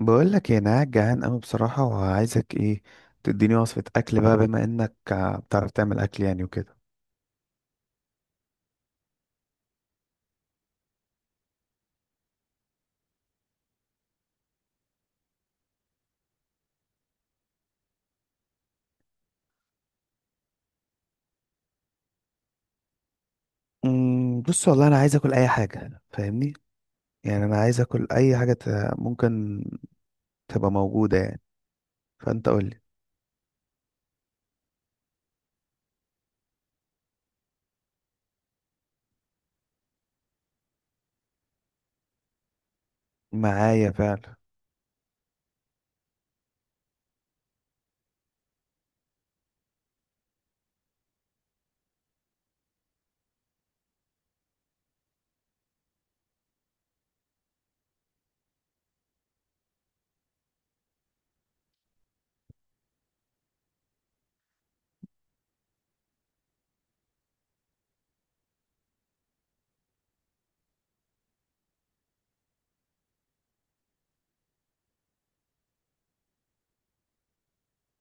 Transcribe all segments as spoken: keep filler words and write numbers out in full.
بقول لك انا قاعد جعان قوي بصراحة، وعايزك ايه تديني وصفة اكل بقى، بما انك آه، بتعرف تعمل اكل يعني وكده. امم بص والله انا عايز اكل اي حاجة، فاهمني؟ يعني انا عايز اكل اي حاجة ت- ممكن تبقى موجودة يعني، فانت قول لي. معايا فعلا.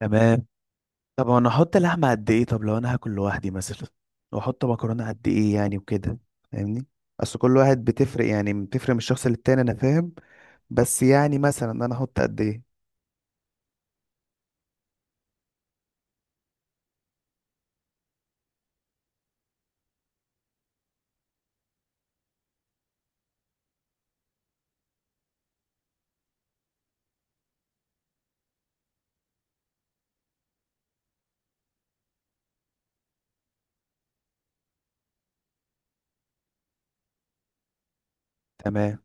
تمام. طب انا احط لحمة قد ايه؟ طب لو انا هاكل لوحدي مثلا، واحط مكرونة قد ايه يعني وكده، فاهمني؟ اصل كل واحد بتفرق، يعني بتفرق من الشخص للتاني، انا فاهم. بس يعني مثلا انا احط قد ايه؟ تمام.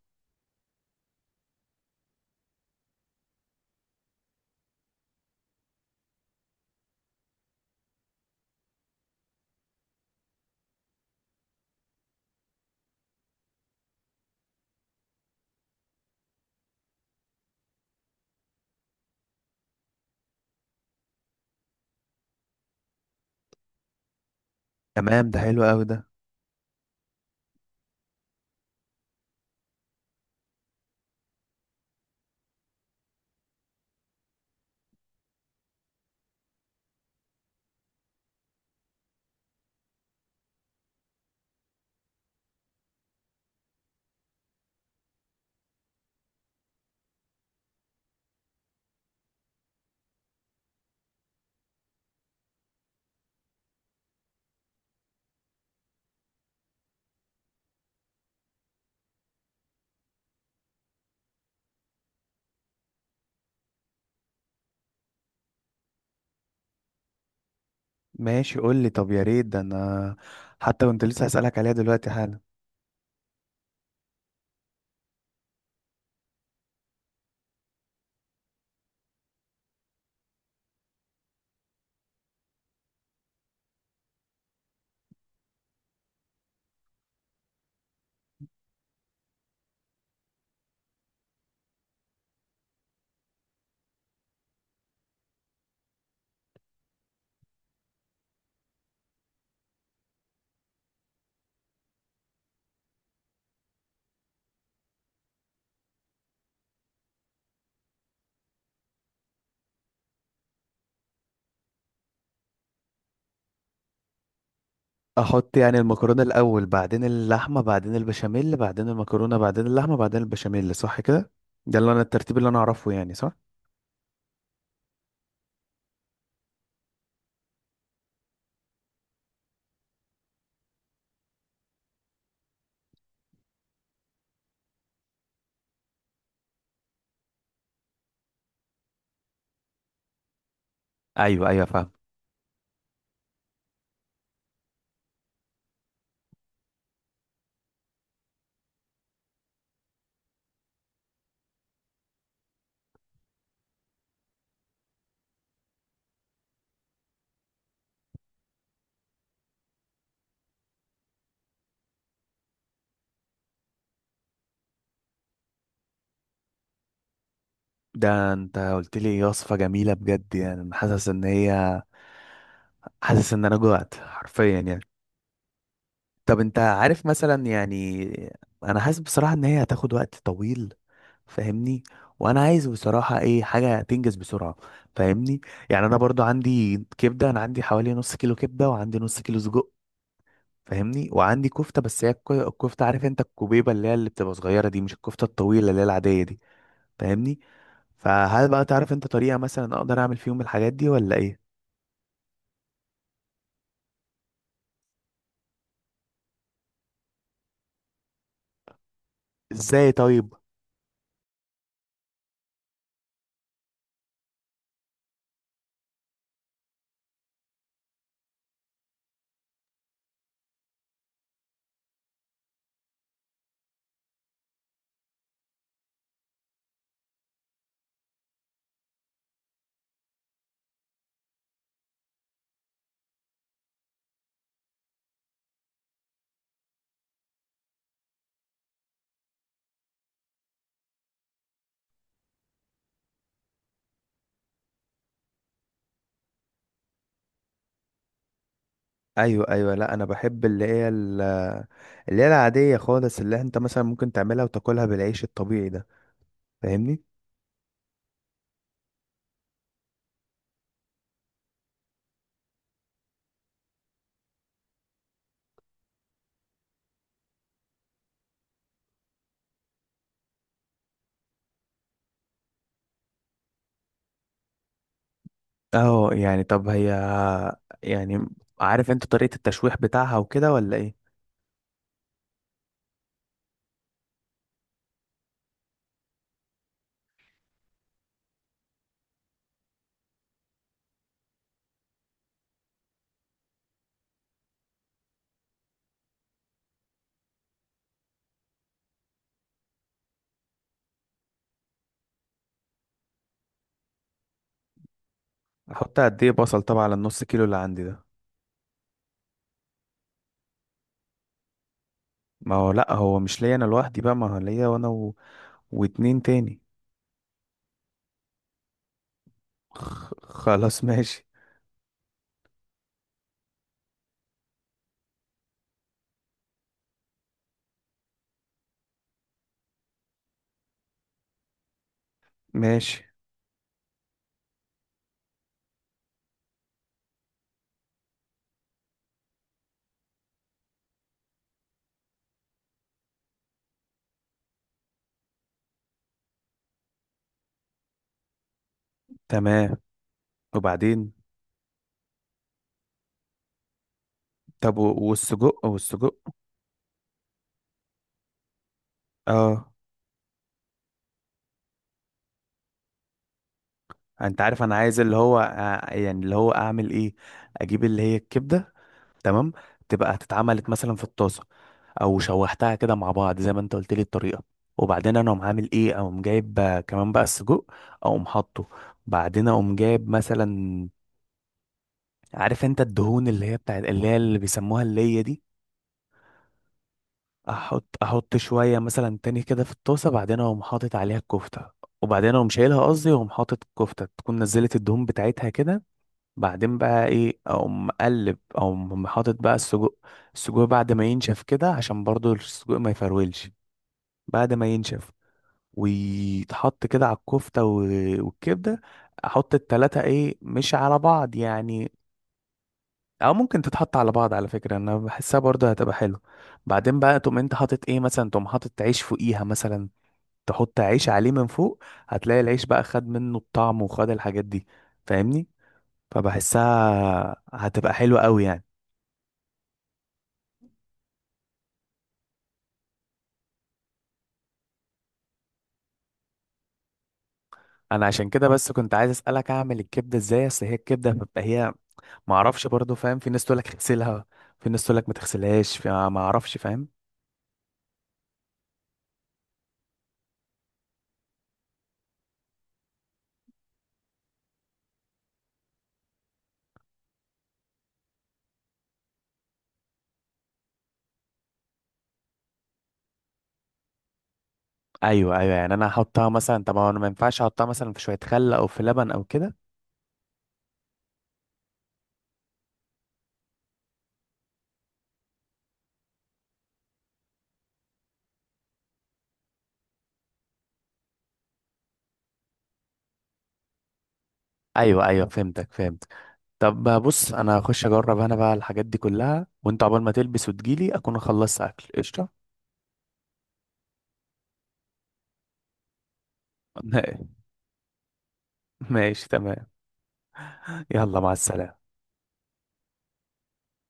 تمام ده حلو قوي ده. ماشي قول لي، طب يا ريت ده، انا حتى كنت لسه هسألك عليها دلوقتي حالا. احط يعني المكرونة الاول، بعدين اللحمة، بعدين البشاميل، بعدين المكرونة، بعدين اللحمة، بعدين البشاميل، صح كده؟ ده اللي انا الترتيب اللي انا اعرفه يعني، صح؟ ايوه ايوه فاهم. ده انت قلت لي وصفة جميلة بجد، يعني أنا حاسس ان هي، حاسس ان انا جوعت حرفيا يعني. طب انت عارف مثلا يعني، انا حاسس بصراحة ان هي هتاخد وقت طويل، فاهمني؟ وانا عايز بصراحه ايه، حاجه تنجز بسرعه، فاهمني؟ يعني انا برضو عندي كبده، انا عندي حوالي نص كيلو كبده، وعندي نص كيلو سجق، فاهمني؟ وعندي كفته، بس هي الك- الكفته، عارف انت الكوبيبه اللي هي اللي بتبقى صغيره دي، مش الكفته الطويله اللي هي العاديه دي، فاهمني؟ فهل بقى تعرف انت طريقه مثلا اقدر اعمل فيهم الحاجات دي ولا ايه؟ ازاي طيب؟ ايوه ايوه، لا انا بحب اللي هي ال- اللي هي العاديه خالص، اللي انت مثلا ممكن تعملها وتاكلها بالعيش الطبيعي ده، فاهمني؟ اه يعني طب هي، يعني عارف انت طريقة التشويح بتاعها وكده ولا ايه؟ احط قد ايه بصل طبعا على النص كيلو اللي عندي ده؟ ما هو لا، هو مش ليا انا لوحدي بقى، ما هو ليا وانا و... واتنين تاني. خ- خلاص ماشي. ماشي تمام. وبعدين؟ طب و- والسجق، والسجق اه. انت عارف انا عايز اللي هو ع- يعني اللي هو اعمل ايه، اجيب اللي هي الكبدة، تمام، تبقى اتعملت مثلا في الطاسه، او شوحتها كده مع بعض زي ما انت قلت لي الطريقه، وبعدين انا اقوم عامل ايه، اقوم جايب آه، كمان بقى السجق، اقوم حاطه، بعدين اقوم جايب مثلا، عارف انت الدهون اللي هي بتاعت اللي هي اللي بيسموها اللية دي، احط احط شويه مثلا تاني كده في الطاسه، بعدين اقوم حاطط عليها الكفته، وبعدين اقوم شايلها قصدي، واقوم حاطط الكفته تكون نزلت الدهون بتاعتها كده، بعدين بقى ايه، اقوم مقلب او حاطط بقى السجق، السجق بعد ما ينشف كده عشان برضو السجق ما يفرولش، بعد ما ينشف ويتحط كده على الكفتة و- والكبدة. احط التلاتة ايه، مش على بعض يعني، او ممكن تتحط على بعض، على فكرة انا بحسها برضو هتبقى حلو. بعدين بقى تقوم انت حاطط ايه مثلا، تقوم حاطط عيش فوقيها مثلا، تحط عيش عليه من فوق، هتلاقي العيش بقى خد منه الطعم وخد الحاجات دي، فاهمني؟ فبحسها هتبقى حلوة قوي يعني. انا عشان كده بس كنت عايز اسالك اعمل الكبده ازاي، اصل هي الكبده بتبقى هي، ما اعرفش برضه، فاهم؟ في ناس تقول لك اغسلها، في ناس تقول لك ما تغسلهاش، في- ما اعرفش، فاهم؟ ايوه ايوه، يعني انا احطها مثلا، طب انا ما ينفعش احطها مثلا في شويه خل او في لبن او كده؟ ايوه ايوه فهمتك فهمتك. طب بص انا هخش اجرب انا بقى الحاجات دي كلها، وانت عقبال ما تلبس وتجيلي اكون خلصت اكل، قشطه. ماشي تمام. يلا مع السلامه.